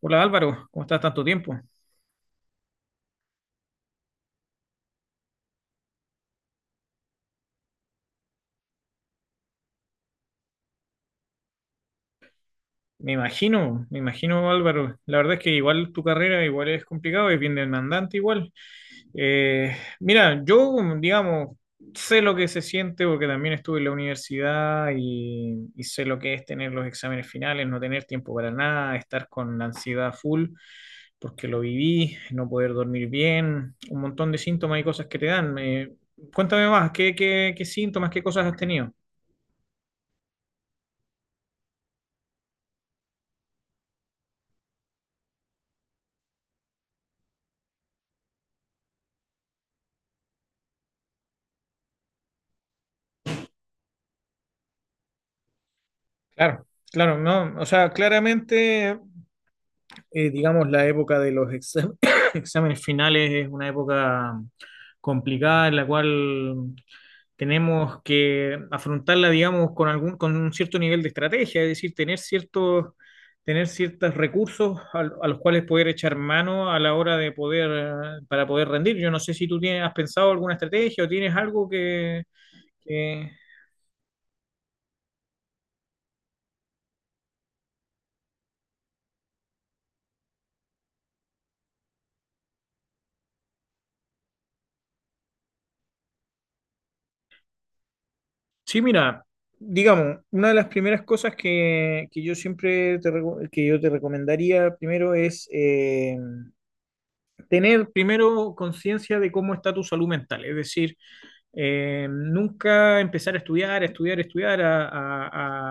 Hola Álvaro, ¿cómo estás tanto tiempo? Me imagino Álvaro, la verdad es que igual tu carrera igual es complicado, es bien demandante igual. Mira, yo digamos, sé lo que se siente porque también estuve en la universidad y sé lo que es tener los exámenes finales, no tener tiempo para nada, estar con ansiedad full porque lo viví, no poder dormir bien, un montón de síntomas y cosas que te dan. Cuéntame más, ¿qué síntomas, qué cosas has tenido? Claro, claro, no, o sea, claramente, digamos, la época de los exámenes finales es una época complicada en la cual tenemos que afrontarla, digamos, con un cierto nivel de estrategia, es decir, tener ciertos recursos los cuales poder echar mano a la hora de poder, para poder rendir. Yo no sé si tú tienes, has pensado alguna estrategia o tienes algo que, sí, mira, digamos, una de las primeras cosas que yo siempre que yo te recomendaría primero es tener primero conciencia de cómo está tu salud mental. Es decir, nunca empezar a estudiar, a estudiar, a estudiar, a, a-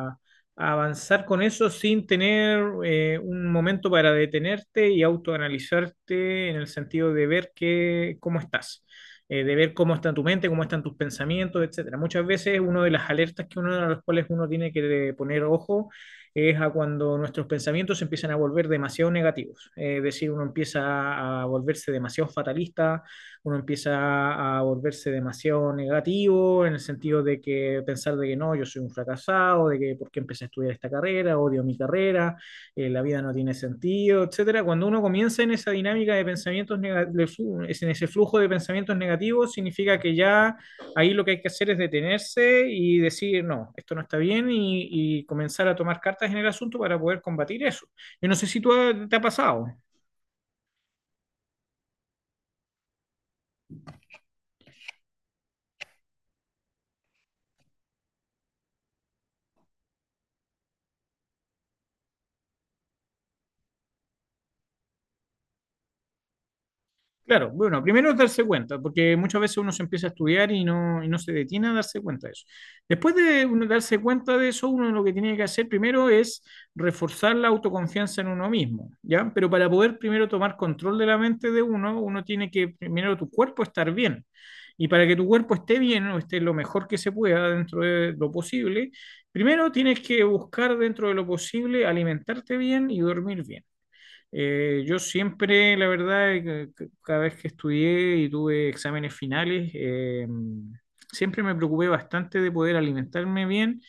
a- a avanzar con eso sin tener un momento para detenerte y autoanalizarte en el sentido de ver cómo estás, de ver cómo está tu mente, cómo están tus pensamientos, etcétera. Muchas veces una de las alertas que uno a las cuales uno tiene que poner ojo es a cuando nuestros pensamientos se empiezan a volver demasiado negativos, es decir, uno empieza a volverse demasiado fatalista, uno empieza a volverse demasiado negativo en el sentido de que pensar de que no, yo soy un fracasado, de que por qué empecé a estudiar esta carrera, odio mi carrera, la vida no tiene sentido, etcétera. Cuando uno comienza en esa dinámica de pensamientos negativos, en ese flujo de pensamientos negativos, significa que ya ahí lo que hay que hacer es detenerse y decir, no, esto no está bien y comenzar a tomar cartas en el asunto para poder combatir eso. Yo no sé si tú te ha pasado. Claro, bueno, primero es darse cuenta, porque muchas veces uno se empieza a estudiar y no, se detiene a darse cuenta de eso. Después de uno darse cuenta de eso, uno lo que tiene que hacer primero es reforzar la autoconfianza en uno mismo, ¿ya? Pero para poder primero tomar control de la mente de uno, uno tiene que primero tu cuerpo estar bien. Y para que tu cuerpo esté bien o esté lo mejor que se pueda dentro de lo posible, primero tienes que buscar dentro de lo posible alimentarte bien y dormir bien. Yo siempre, la verdad, cada vez que estudié y tuve exámenes finales, siempre me preocupé bastante de poder alimentarme bien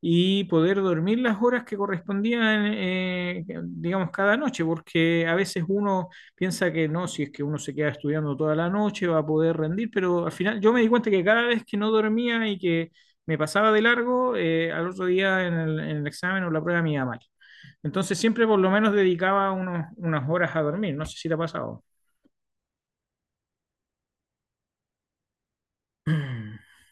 y poder dormir las horas que correspondían, digamos, cada noche, porque a veces uno piensa que no, si es que uno se queda estudiando toda la noche va a poder rendir, pero al final yo me di cuenta que cada vez que no dormía y que me pasaba de largo, al otro día en el, examen o la prueba me iba mal. Entonces siempre por lo menos dedicaba unas horas a dormir. No sé si te ha pasado.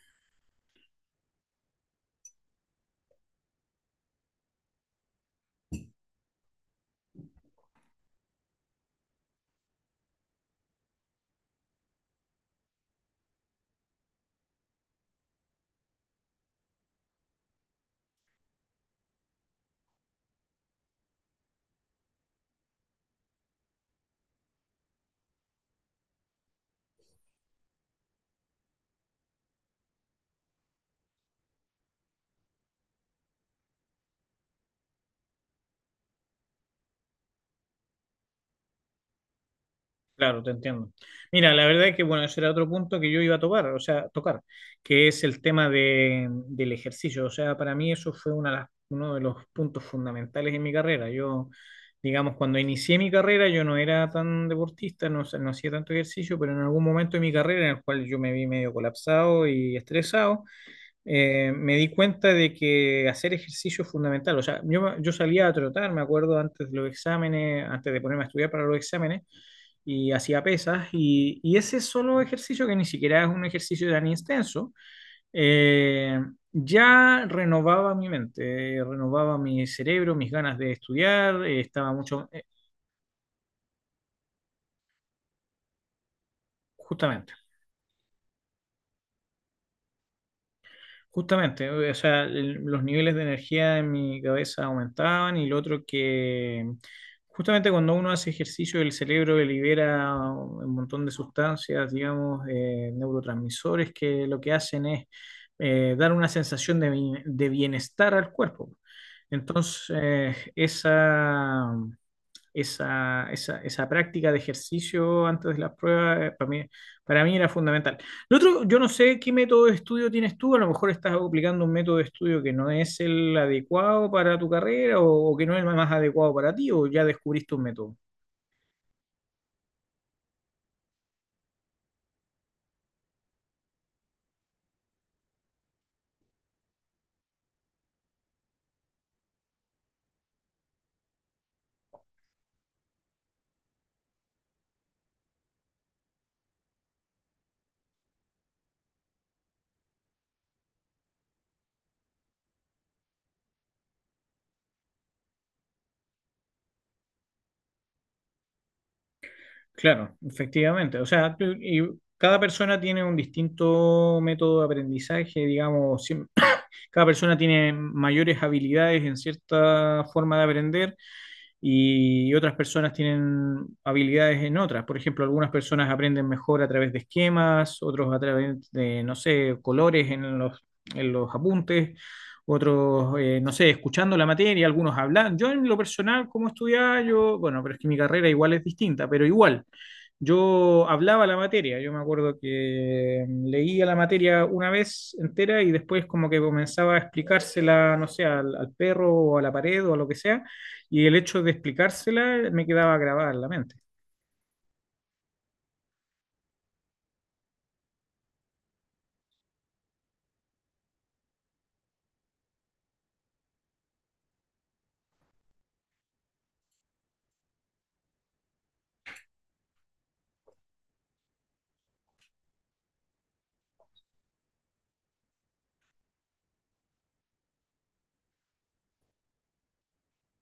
Claro, te entiendo. Mira, la verdad es que, bueno, ese era otro punto que yo iba a tocar, o sea, tocar, que es el tema del ejercicio. O sea, para mí eso fue uno de los puntos fundamentales en mi carrera. Yo, digamos, cuando inicié mi carrera, yo no era tan deportista, no, no hacía tanto ejercicio, pero en algún momento de mi carrera, en el cual yo me vi medio colapsado y estresado, me di cuenta de que hacer ejercicio es fundamental. O sea, yo salía a trotar, me acuerdo, antes de los exámenes, antes de ponerme a estudiar para los exámenes, y hacía pesas, y ese solo ejercicio, que ni siquiera es un ejercicio tan extenso, eh, ya renovaba mi mente, renovaba mi cerebro, mis ganas de estudiar, estaba mucho, justamente. Justamente, o sea, los niveles de energía en mi cabeza aumentaban y lo otro que justamente cuando uno hace ejercicio el cerebro libera un montón de sustancias, digamos, neurotransmisores que lo que hacen es dar una sensación de, de bienestar al cuerpo. Entonces, esa práctica de ejercicio antes de las pruebas, para mí, era fundamental. Lo otro, yo no sé qué método de estudio tienes tú, a lo mejor estás aplicando un método de estudio que no es el adecuado para tu carrera o que no es el más adecuado para ti, o ya descubriste un método. Claro, efectivamente. O sea, cada persona tiene un distinto método de aprendizaje, digamos, cada persona tiene mayores habilidades en cierta forma de aprender y otras personas tienen habilidades en otras. Por ejemplo, algunas personas aprenden mejor a través de esquemas, otros a través de, no sé, colores en los, apuntes, otros, no sé, escuchando la materia, algunos hablan. Yo en lo personal, como estudiaba, yo, bueno, pero es que mi carrera igual es distinta, pero igual. Yo hablaba la materia, yo me acuerdo que leía la materia una vez entera y después como que comenzaba a explicársela, no sé, al perro o a la pared o a lo que sea, y el hecho de explicársela me quedaba grabada en la mente.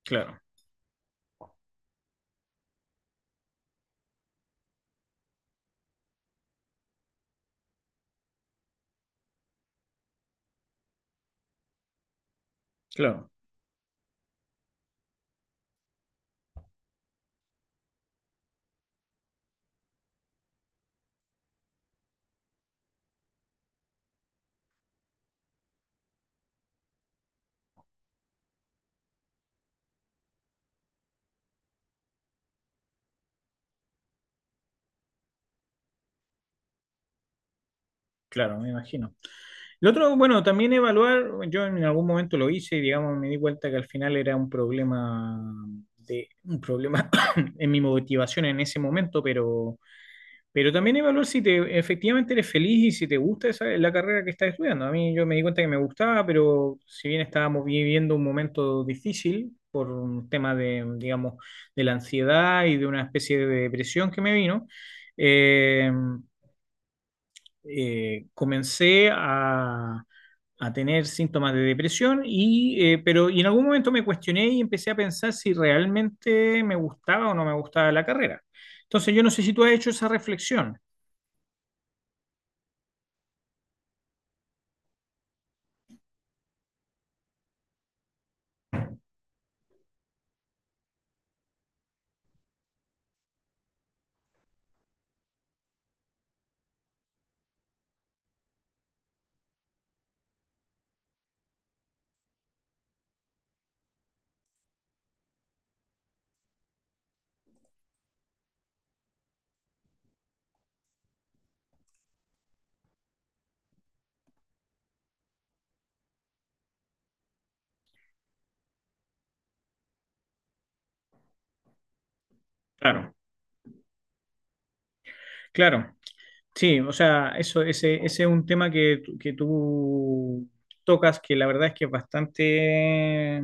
Claro, claro, claro, me imagino. El otro, bueno, también evaluar, yo en algún momento lo hice y digamos me di cuenta que al final era un problema en mi motivación en ese momento, pero también evaluar si efectivamente eres feliz y si te gusta esa, la carrera que estás estudiando. A mí yo me di cuenta que me gustaba, pero si bien estábamos viviendo un momento difícil por un tema de, digamos, de la ansiedad y de una especie de depresión que me vino, eh, comencé a, tener síntomas de depresión y, pero, y en algún momento me cuestioné y empecé a pensar si realmente me gustaba o no me gustaba la carrera. Entonces yo no sé si tú has hecho esa reflexión. Claro, claro, sí, o sea, eso, ese es un tema que, que tú tocas, que la verdad es que es bastante,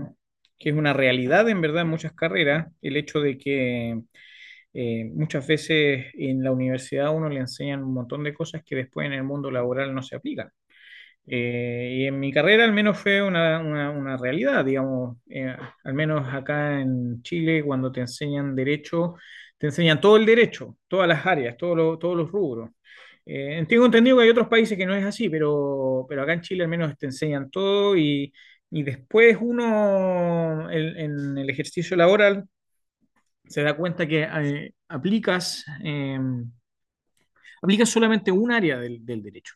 que es una realidad en verdad en muchas carreras, el hecho de que muchas veces en la universidad a uno le enseñan un montón de cosas que después en el mundo laboral no se aplican. Y en mi carrera al menos fue una realidad, digamos, al menos acá en Chile cuando te enseñan derecho, te enseñan todo el derecho, todas las áreas, todos los rubros. Tengo entendido que hay otros países que no es así, acá en Chile al menos te enseñan todo y después uno en, el ejercicio laboral se da cuenta que aplica solamente un área del derecho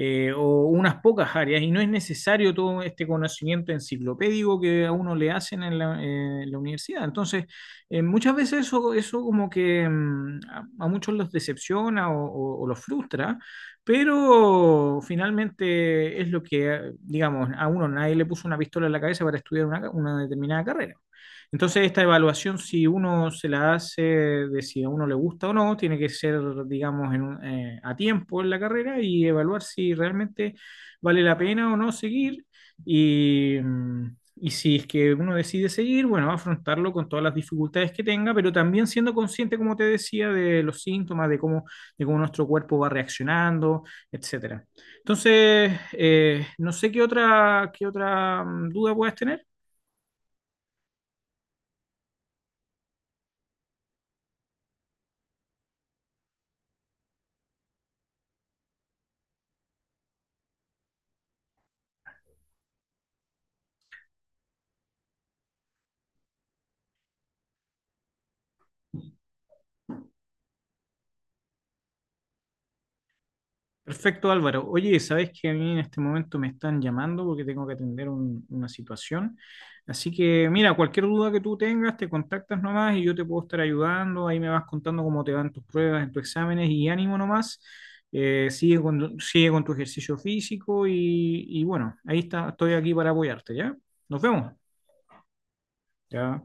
o unas pocas áreas y no es necesario todo este conocimiento enciclopédico que a uno le hacen en la universidad. Entonces, muchas veces eso, eso como que muchos los decepciona o los frustra, pero finalmente es lo que, digamos, a uno nadie le puso una pistola en la cabeza para estudiar una determinada carrera. Entonces, esta evaluación, si uno se la hace de si a uno le gusta o no, tiene que ser, digamos, a tiempo en la carrera y evaluar si realmente vale la pena o no seguir. Y si es que uno decide seguir, bueno, afrontarlo con todas las dificultades que tenga, pero también siendo consciente, como te decía, de los síntomas, de cómo nuestro cuerpo va reaccionando, etcétera. Entonces, no sé qué otra, duda puedas tener. Perfecto, Álvaro. Oye, sabes que a mí en este momento me están llamando porque tengo que atender una situación. Así que, mira, cualquier duda que tú tengas, te contactas nomás y yo te puedo estar ayudando. Ahí me vas contando cómo te van tus pruebas, en tus exámenes y ánimo nomás. Sigue con tu ejercicio físico y bueno, ahí está, estoy aquí para apoyarte, ¿ya? Nos vemos. Ya.